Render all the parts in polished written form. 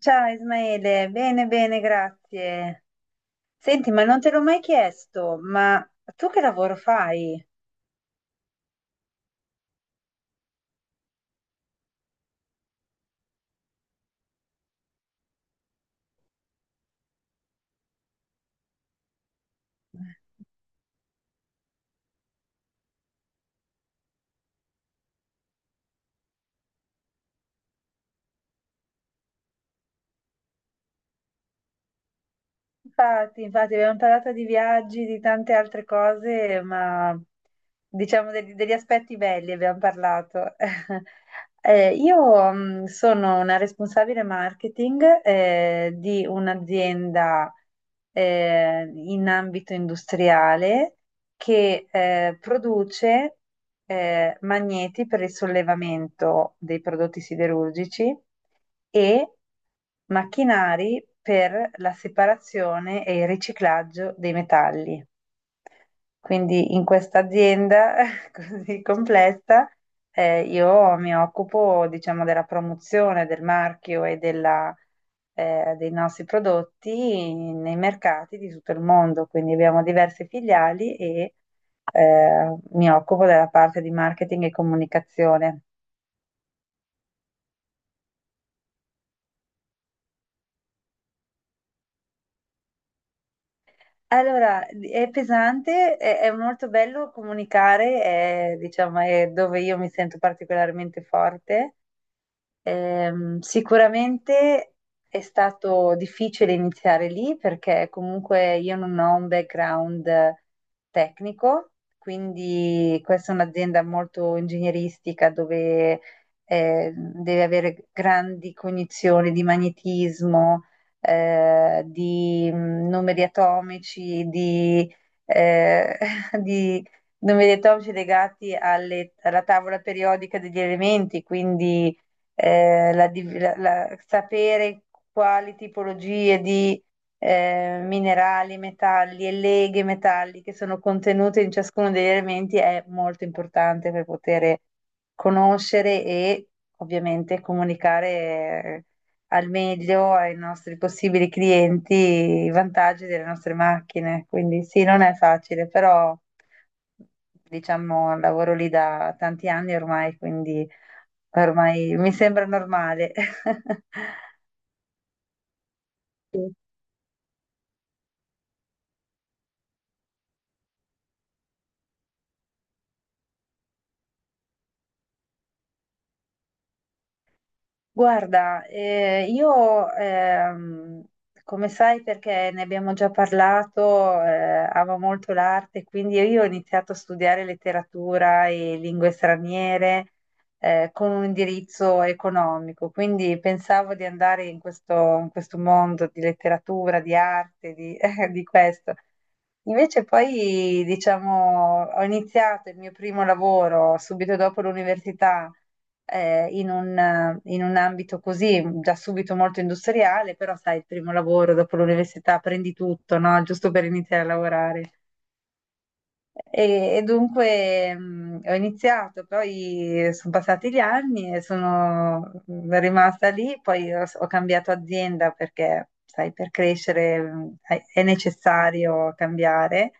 Ciao Ismaele, bene, bene, grazie. Senti, ma non te l'ho mai chiesto, ma tu che lavoro fai? Infatti, abbiamo parlato di viaggi, di tante altre cose, ma diciamo degli aspetti belli abbiamo parlato. Io sono una responsabile marketing di un'azienda in ambito industriale che produce magneti per il sollevamento dei prodotti siderurgici e macchinari per la separazione e il riciclaggio dei metalli. Quindi in questa azienda così complessa, io mi occupo, diciamo, della promozione del marchio e della, dei nostri prodotti nei mercati di tutto il mondo. Quindi abbiamo diverse filiali e mi occupo della parte di marketing e comunicazione. Allora, è pesante, è molto bello comunicare, è, diciamo, è dove io mi sento particolarmente forte. Sicuramente è stato difficile iniziare lì perché comunque io non ho un background tecnico, quindi questa è un'azienda molto ingegneristica dove deve avere grandi cognizioni di magnetismo, di numeri atomici, di, eh, di numeri atomici legati alla tavola periodica degli elementi, quindi la div- la- la- sapere quali tipologie di minerali, metalli e leghe metalliche sono contenute in ciascuno degli elementi è molto importante per poter conoscere e ovviamente comunicare eh, al meglio ai nostri possibili clienti i vantaggi delle nostre macchine. Quindi sì, non è facile, però diciamo, lavoro lì da tanti anni ormai, quindi ormai mi sembra normale. Guarda, io, come sai, perché ne abbiamo già parlato, amo molto l'arte, quindi io ho iniziato a studiare letteratura e lingue straniere, con un indirizzo economico, quindi pensavo di andare in questo mondo di letteratura, di arte, di di questo. Invece poi, diciamo, ho iniziato il mio primo lavoro subito dopo l'università, in un ambito così, già subito molto industriale, però sai, il primo lavoro dopo l'università prendi tutto, no? Giusto per iniziare a lavorare. E dunque ho iniziato, poi sono passati gli anni e sono rimasta lì, poi ho, ho cambiato azienda perché, sai, per crescere è necessario cambiare.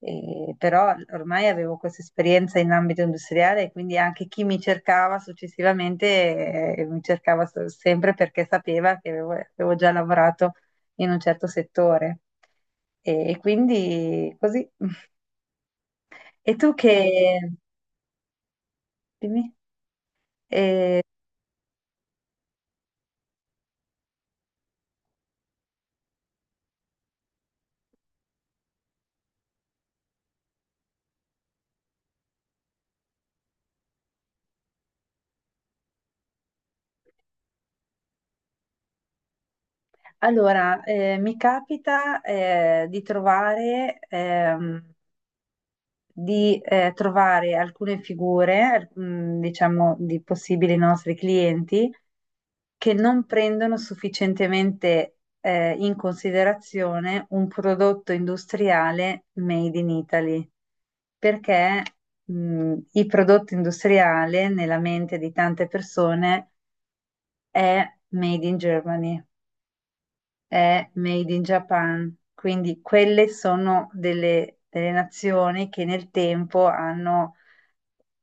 Però ormai avevo questa esperienza in ambito industriale e quindi anche chi mi cercava successivamente mi cercava sempre perché sapeva che avevo, avevo già lavorato in un certo settore. E quindi così. E tu che... dimmi. Eh, allora, mi capita di trovare, di trovare alcune figure, diciamo, di possibili nostri clienti che non prendono sufficientemente in considerazione un prodotto industriale made in Italy, perché il prodotto industriale nella mente di tante persone è made in Germany, è made in Japan, quindi quelle sono delle nazioni che nel tempo hanno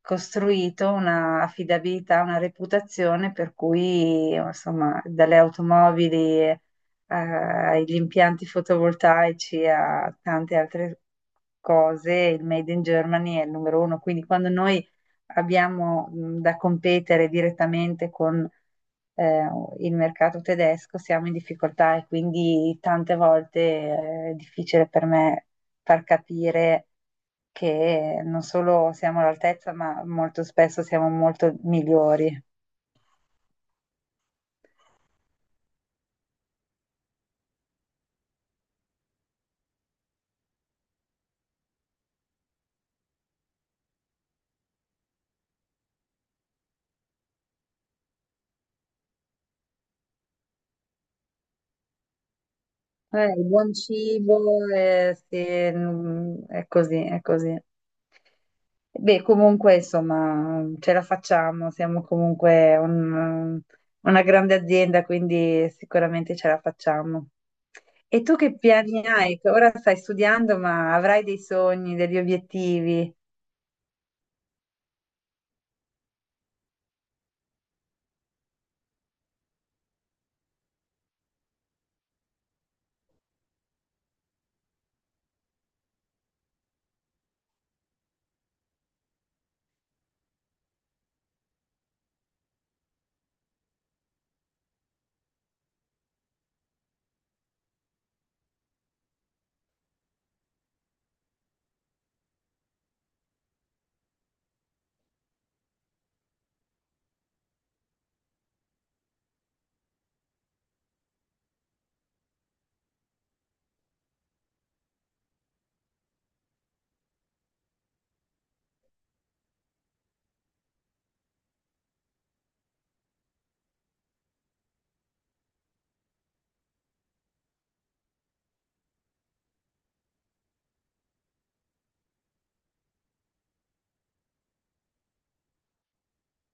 costruito una affidabilità, una reputazione per cui, insomma, dalle automobili agli impianti fotovoltaici a tante altre cose, il Made in Germany è il numero uno. Quindi quando noi abbiamo da competere direttamente con eh, il mercato tedesco, siamo in difficoltà e quindi tante volte è difficile per me far capire che non solo siamo all'altezza, ma molto spesso siamo molto migliori. Il buon cibo, sì, è così, è così. Beh, comunque, insomma, ce la facciamo, siamo comunque una grande azienda, quindi sicuramente ce la facciamo. E tu che piani hai? Che ora stai studiando, ma avrai dei sogni, degli obiettivi?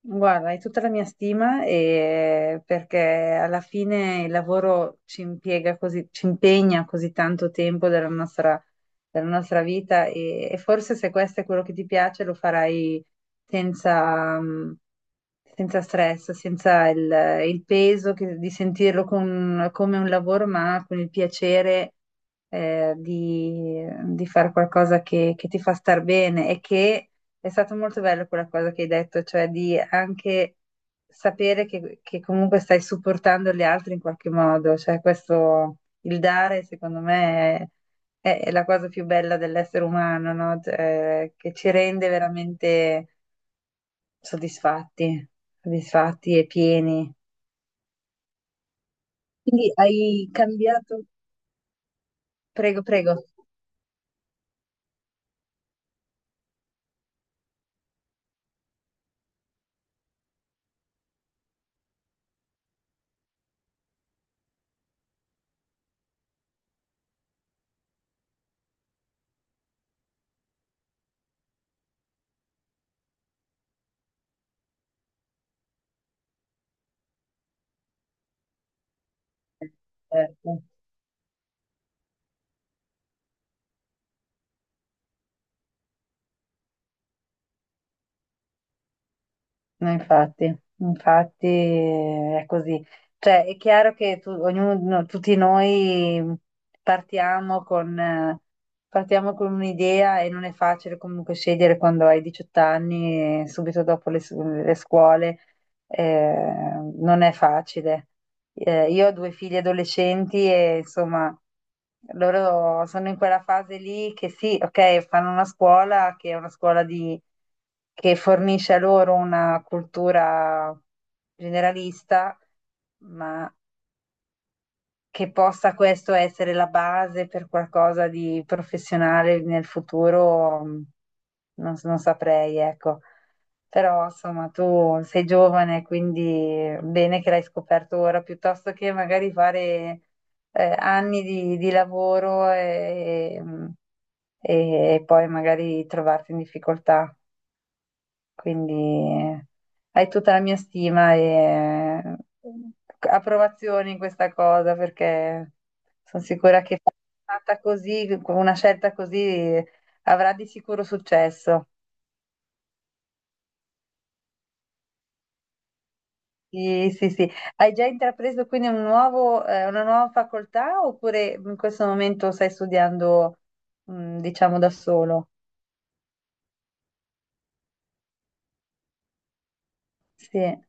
Guarda, hai tutta la mia stima perché alla fine il lavoro ci impiega così, ci impegna così tanto tempo della nostra vita e forse se questo è quello che ti piace lo farai senza, senza stress, senza il, il peso di sentirlo come un lavoro, ma con il piacere eh, di, di fare qualcosa che ti fa star bene e che è stato molto bello quella cosa che hai detto, cioè di anche sapere che comunque stai supportando gli altri in qualche modo, cioè questo, il dare secondo me è la cosa più bella dell'essere umano, no? Cioè, che ci rende veramente soddisfatti, soddisfatti e pieni. Quindi hai cambiato, prego, prego. Certo. No, infatti, infatti è così. Cioè, è chiaro che ognuno, no, tutti noi partiamo con, eh, partiamo con un'idea e non è facile comunque scegliere quando hai 18 anni e subito dopo le scuole, eh, non è facile. Io ho due figli adolescenti e insomma loro sono in quella fase lì che sì, ok, fanno una scuola che è una scuola che fornisce a loro una cultura generalista, ma che possa questo essere la base per qualcosa di professionale nel futuro, non, non saprei, ecco. Però insomma tu sei giovane, quindi bene che l'hai scoperto ora, piuttosto che magari fare anni di lavoro e poi magari trovarti in difficoltà. Quindi eh, hai tutta la mia stima e approvazione in questa cosa, perché sono sicura che fatta così, con una scelta così, avrà di sicuro successo. Sì, sì, sì. Hai già intrapreso quindi un nuovo, una nuova facoltà oppure in questo momento stai studiando, diciamo, da solo? Sì.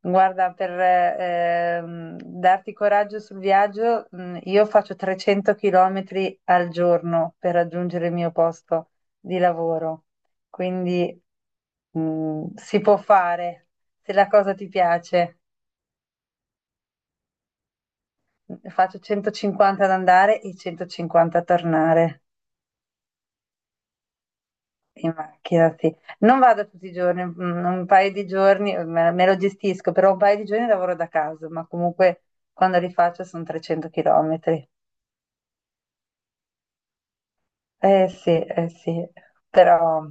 Guarda, per darti coraggio sul viaggio, io faccio 300 km al giorno per raggiungere il mio posto di lavoro. Quindi si può fare se la cosa ti piace. Faccio 150 ad andare e 150 a tornare. In macchina, sì. Non vado tutti i giorni, un paio di giorni me, me lo gestisco, però un paio di giorni lavoro da casa, ma comunque quando li faccio sono 300 chilometri. Sì, eh sì, però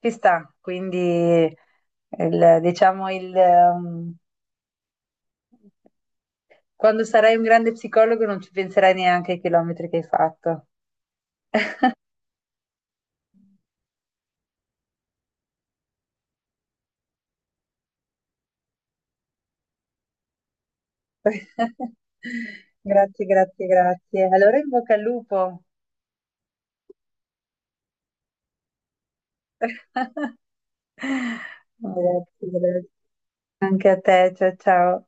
ci sta, quindi diciamo il, quando sarai un grande psicologo non ci penserai neanche ai chilometri che hai fatto. Grazie, grazie, grazie. Allora in bocca al lupo. Grazie, grazie. Anche a te, ciao ciao.